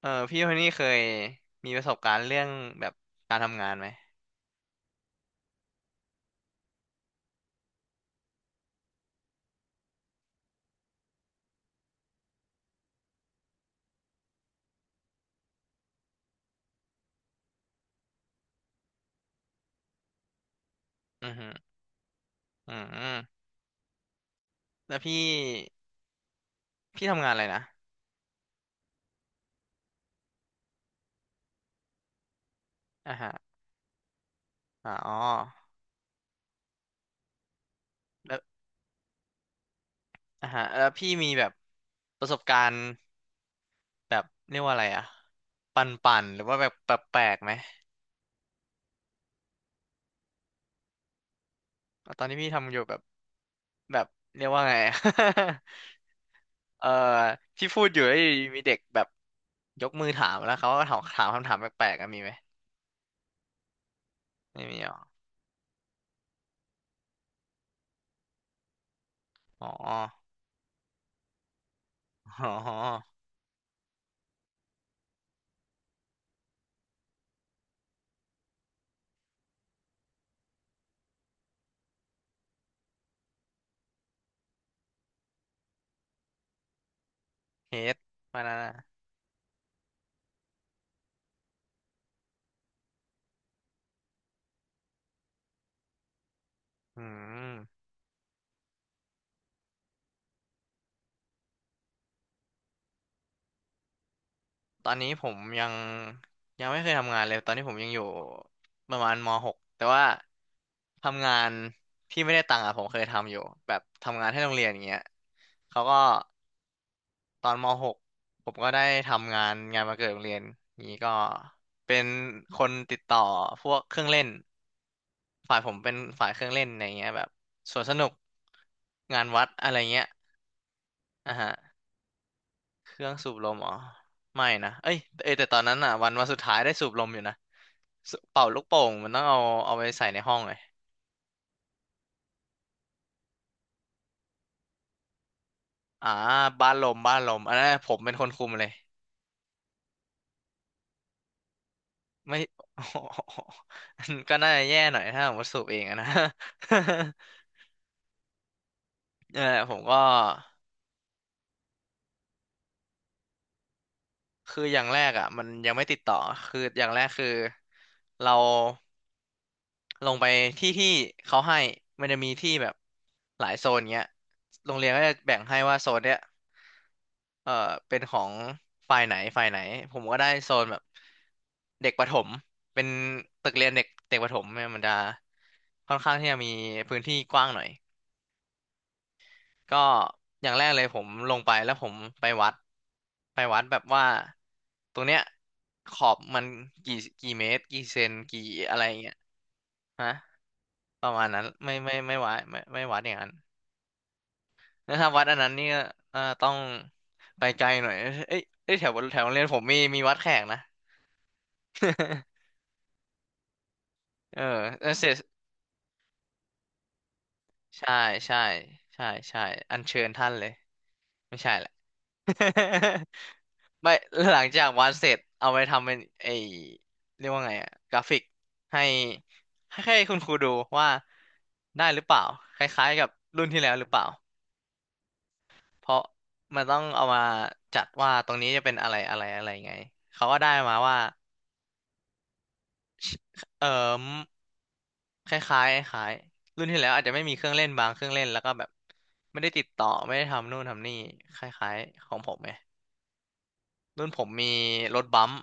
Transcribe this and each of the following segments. เออพี่คนนี้เคยมีประสบการณ์เรื่องแบบการทำงานไหมอือฮึออืมแล้วพี่ทำงานอะไรนะอ่าฮะอ๋อแล้วอ่าฮะแล้วพี่มีแบบประสบการณ์แบบเรียกว่าอะไรอะปันป่นๆหรือว่าแบบแปลกๆไหมตอนที่พี่ทำอยู่แบบเรียกว่าไง เออพี่พูดอยู่แล้วอยู่ดีมีเด็กแบบยกมือถามแล้วเขาก็ถามคำถามแปลกๆอะมีไหมไม่มีหรออ๋ออ๋อ เฮดมานะอืมตอนนี้ผมยังไม่เคยทำงานเลยตอนนี้ผมยังอยู่ประมาณมหกแต่ว่าทำงานที่ไม่ได้ตังค์อะผมเคยทำอยู่แบบทำงานให้โรงเรียนอย่างเงี้ยเขาก็ตอนมหกผมก็ได้ทำงานงานวันเกิดโรงเรียนนี้ก็เป็นคนติดต่อพวกเครื่องเล่นฝ่ายผมเป็นฝ่ายเครื่องเล่นอะไรเงี้ยแบบสวนสนุกงานวัดอะไรเงี้ยอ่ะฮะ เครื่องสูบลมอ๋อไม่นะเอ้ยเอยแต่ตอนนั้นอ่ะวันสุดท้ายได้สูบลมอยู่นะสูเป่าลูกโป่งมันต้องเอาเอาไปใส่ในห้องเลยอ่าบ้านลมอันนั้นผมเป็นคนคุมเลยไม่ ก็น่าจะแย่หน่อยถ้าผมว่าสูบเองอะนะ เออผมก็ คืออย่างแรกอ่ะมันยังไม่ติดต่อคืออย่างแรกคือเราลงไปที่เขาให้มันจะมีที่แบบหลายโซนเงี้ยโรงเรียนก็จะแบ่งให้ว่าโซนเนี้ยเอ่อเป็นของฝ่ายไหนผมก็ได้โซนแบบเด็กประถมเป็นตึกเรียนเด็กเด็กประถมเนี่ยมันจะค่อนข้างที่จะมีพื้นที่กว้างหน่อย ก็อย่างแรกเลยผมลงไปแล้วผมไปวัดแบบว่าตรงเนี้ยขอบมันกี่เมตรกี่เซนกี่อะไรเงี้ยฮะประมาณนั้นไม่วัดไม่ไม่วัดอย่างนั้นแล้วถ้าวัดอันนั้นนี่ก็ต้องไปไกลหน่อยเอ้ยแถวแถวโรงเรียนผมมีวัดแขกนะ เออเออเสร็จใช่ใช่ใช่ใช่อัญเชิญท่านเลยไม่ใช่แหละ ไม่หลังจากวาดเสร็จเอาไปทำเป็นไอเรียกว่าไงอะกราฟิกให้ให้คุณครูดูว่าได้หรือเปล่าคล้ายๆกับรุ่นที่แล้วหรือเปล่าเพราะมันต้องเอามาจัดว่าตรงนี้จะเป็นอะไรอะไรอะไรไงเขาก็ได้มาว่าเออมคล้ายๆคล้ายรุ่นที่แล้วอาจจะไม่มีเครื่องเล่นแล้วก็แบบไม่ได้ติดต่อไม่ได้ทำนู่นทำนี่คล้ายๆของผมไง รุ่นผมมีรถบัมป์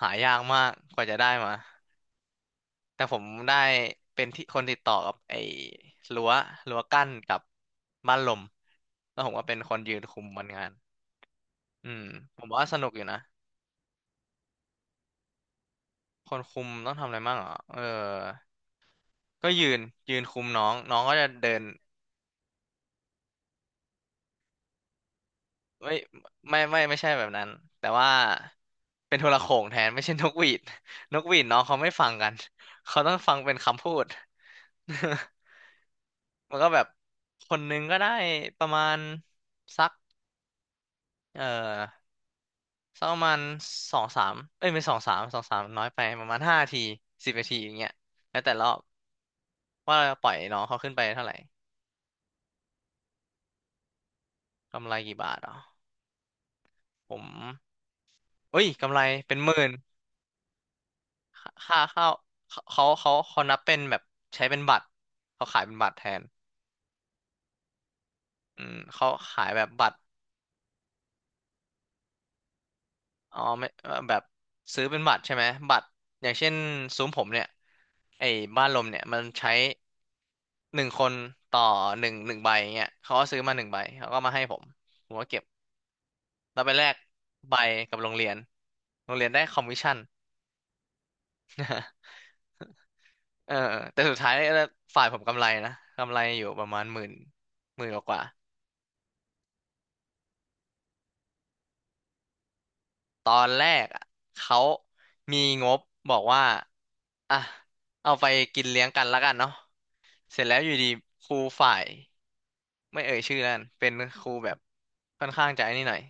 หายากมากกว่าจะได้มาแต่ผมได้เป็นที่คนติดต่อกับไอ้รั้วกั้นกับบ้านลมแล้วผมก็เป็นคนยืนคุมมันงานอืมผมว่าสนุกอยู่นะคนคุมต้องทำอะไรบ้างเหรอเออก็ยืนยืนคุมน้องน้องก็จะเดิน เอ้ยไม่ใช่แบบนั้นแต่ว่าเป็นโทรโข่งแทนไม่ใช่นกหวีด นกหวีดน้องเขาไม่ฟังกันเขาต้องฟังเป็นคำพูด มันก็แบบคนนึงก็ได้ประมาณสักเอ่อสักประมาณสองสามเอ้ยไม่สองสามน้อยไปประมาณห้าทีสิบนาทีอย่างเงี้ยแล้วแต่รอบว่าเราปล่อยน้องเขาขึ้นไปเท่าไหร่กำไรกี่บาทอ๋อผมเอ้ยกำไรเป็นหมื่น ค่าข้าวเขาเขาเขานับเป็นแบบใช้เป็นบัตรเขาขายเป็นบัตรแทนอืมเขาขายแบบบัตรอ๋อไม่แบบซื้อเป็นบัตรใช่ไหมบัตรอย่างเช่นซุ้มผมเนี่ยไอ้บ้านลมเนี่ยมันใช้หนึ่งคนต่อหนึ่งใบเงี้ยเขาก็ซื้อมาหนึ่งใบเขาก็มาให้ผมผมก็เก็บแล้วไปแลกใบกับโรงเรียนโรงเรียนได้คอมมิชชั่นเออแต่สุดท้ายฝ่ายผมกำไรนะกำไรอยู่ประมาณหมื่นหมื่นกว่า ตอนแรกอะเขามีงบบอกว่าอ่ะเอาไปกินเลี้ยงกันแล้วกันเนาะเสร็จแล้วอยู่ดีครูฝ่ายไม่เอ่ยชื่อนั่นเป็นครูแบบค่อนข้างจะไอ้นี่หน่อย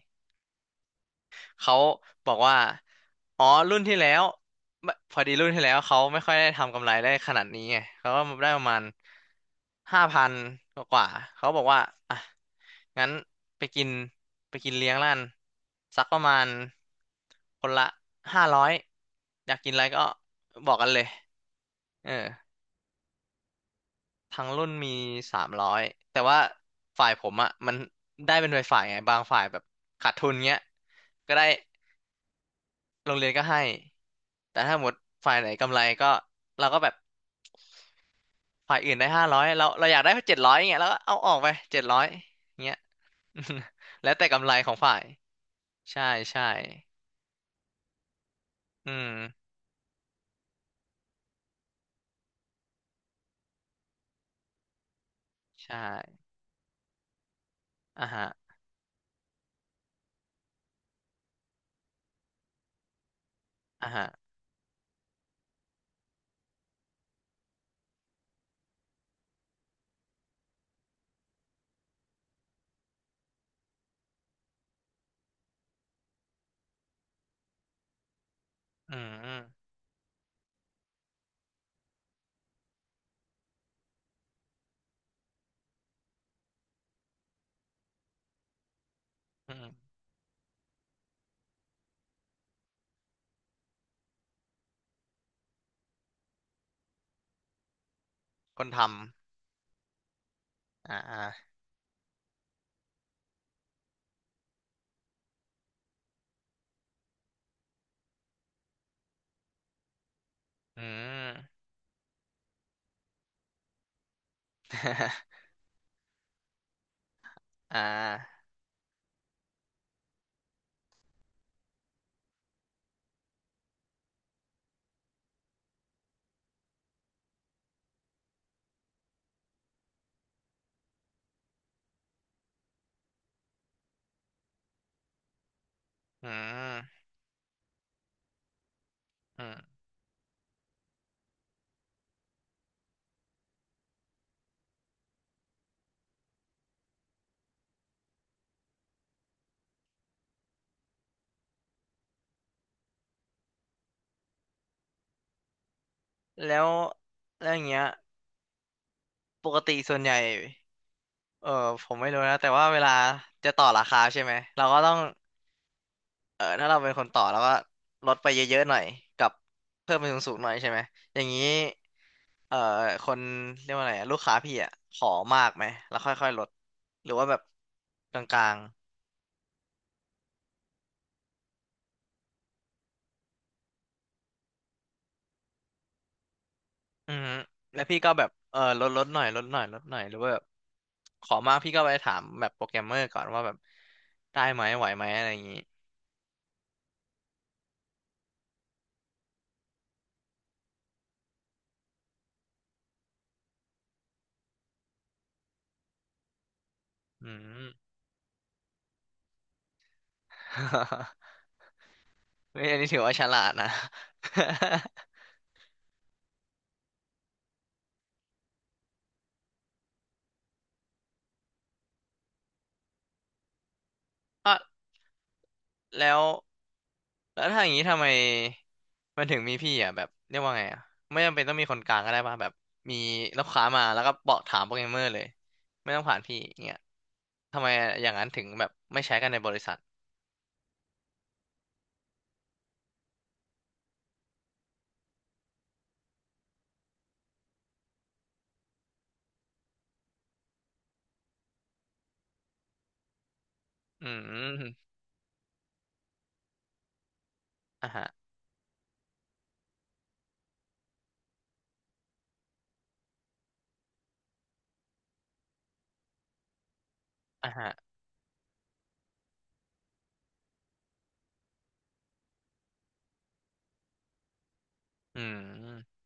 เขาบอกว่าอ๋อรุ่นที่แล้วไม่พอดีรุ่นที่แล้วเขาไม่ค่อยได้ทำกำไรได้ขนาดนี้ไงเขาก็ได้ประมาณห้าพันกว่าๆเขาบอกว่าอ่ะงั้นไปกินกินเลี้ยงร้านสักประมาณคนละห้าร้อยอยากกินอะไรก็บอกกันเลยเออทั้งรุ่นมีสามร้อยแต่ว่าฝ่ายผมอ่ะมันได้เป็นฝ่ายๆไงบางฝ่ายแบบขาดทุนเงี้ยก็ได้ โรงเรียนก็ให้ แต่ถ้าหมดฝ่ายไหนกำไรก็เราก็แบบฝ่ายอื่นได้ห้าร้อยเราอยากได้เจ็ดร้อยเงี้ยแล้วก็เอาออกไปเจ็ดร้อยเงี้ย แล้วแต่กำไรของฝ่ายใช่ใช่อืมใช่อ่ะฮะอ่ะฮะอืมอืมอืมคนทำอ่าอ่าอืม อ่าอืมอืมแล้วแล้วอย่างเงี้ยปกติส่วนใหญ่เออผมไม่รู้นะแต่ว่าเวลาจะต่อราคาใช่ไหมเราก็ต้อง เออถ้าเราเป็นคนต่อแล้วก็ลดไปเยอะๆหน่อยกับเพิ่มไปสูงๆหน่อยใช่ไหมอย่างนี้เอ่อคนเรียกว่าอะไรอะลูกค้าพี่อ่ะขอมากไหมแล้วค่อยๆลดหรือว่าแบบกลางๆอือฮึแล้วพี่ก็แบบเออลดหน่อยลดหน่อยหรือว่าแบบขอมากพี่ก็ไปถามแบบโปรแกรมเมอร์ก่อนว่าแบบได้ไหมไหวไหมอะไรอย่างนี้อืม เฮ้ยอันนี้ถือว่าฉลาดนะ อ่ะแล้ว แล้วถ้าอย่างนี้ทำไมมันถึงมีพี่อ่ะแบบเรียกว่าไงอ่ะไม่จำเป็นต้องมีคนกลางก็ได้ป่ะแบบมีลูกค้ามาแล้วก็บอกถามโปรแกรมเมอร์เลยไม่ต้องผ่านพี่อย่างเงี้ยทำไมอย่างนั้นถึงแบบไม่ใช้กันในบริษัทอืมอ่ะฮะอ่ะฮะอืม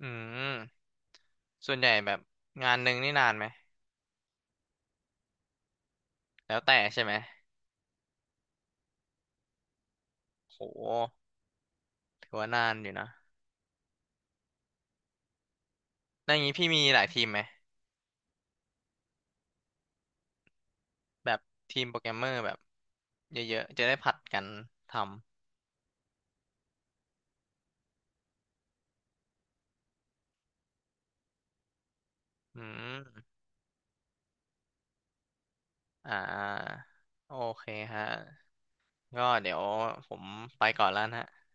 อืมส่วนใหญ่แบบงานหนึ่งนี่นานไหมแล้วแต่ใช่ไหมโหถือว่านานอยู่นะแล้วอย่างนี้พี่มีหลายทีมไหมแบบทีมโปรแกรมเมอร์แบบเยอะๆจะได้ผัดกันทำอืม อ่าโอเคฮะก็เดี๋ยวผมไปก่อนแล้วนะฮะ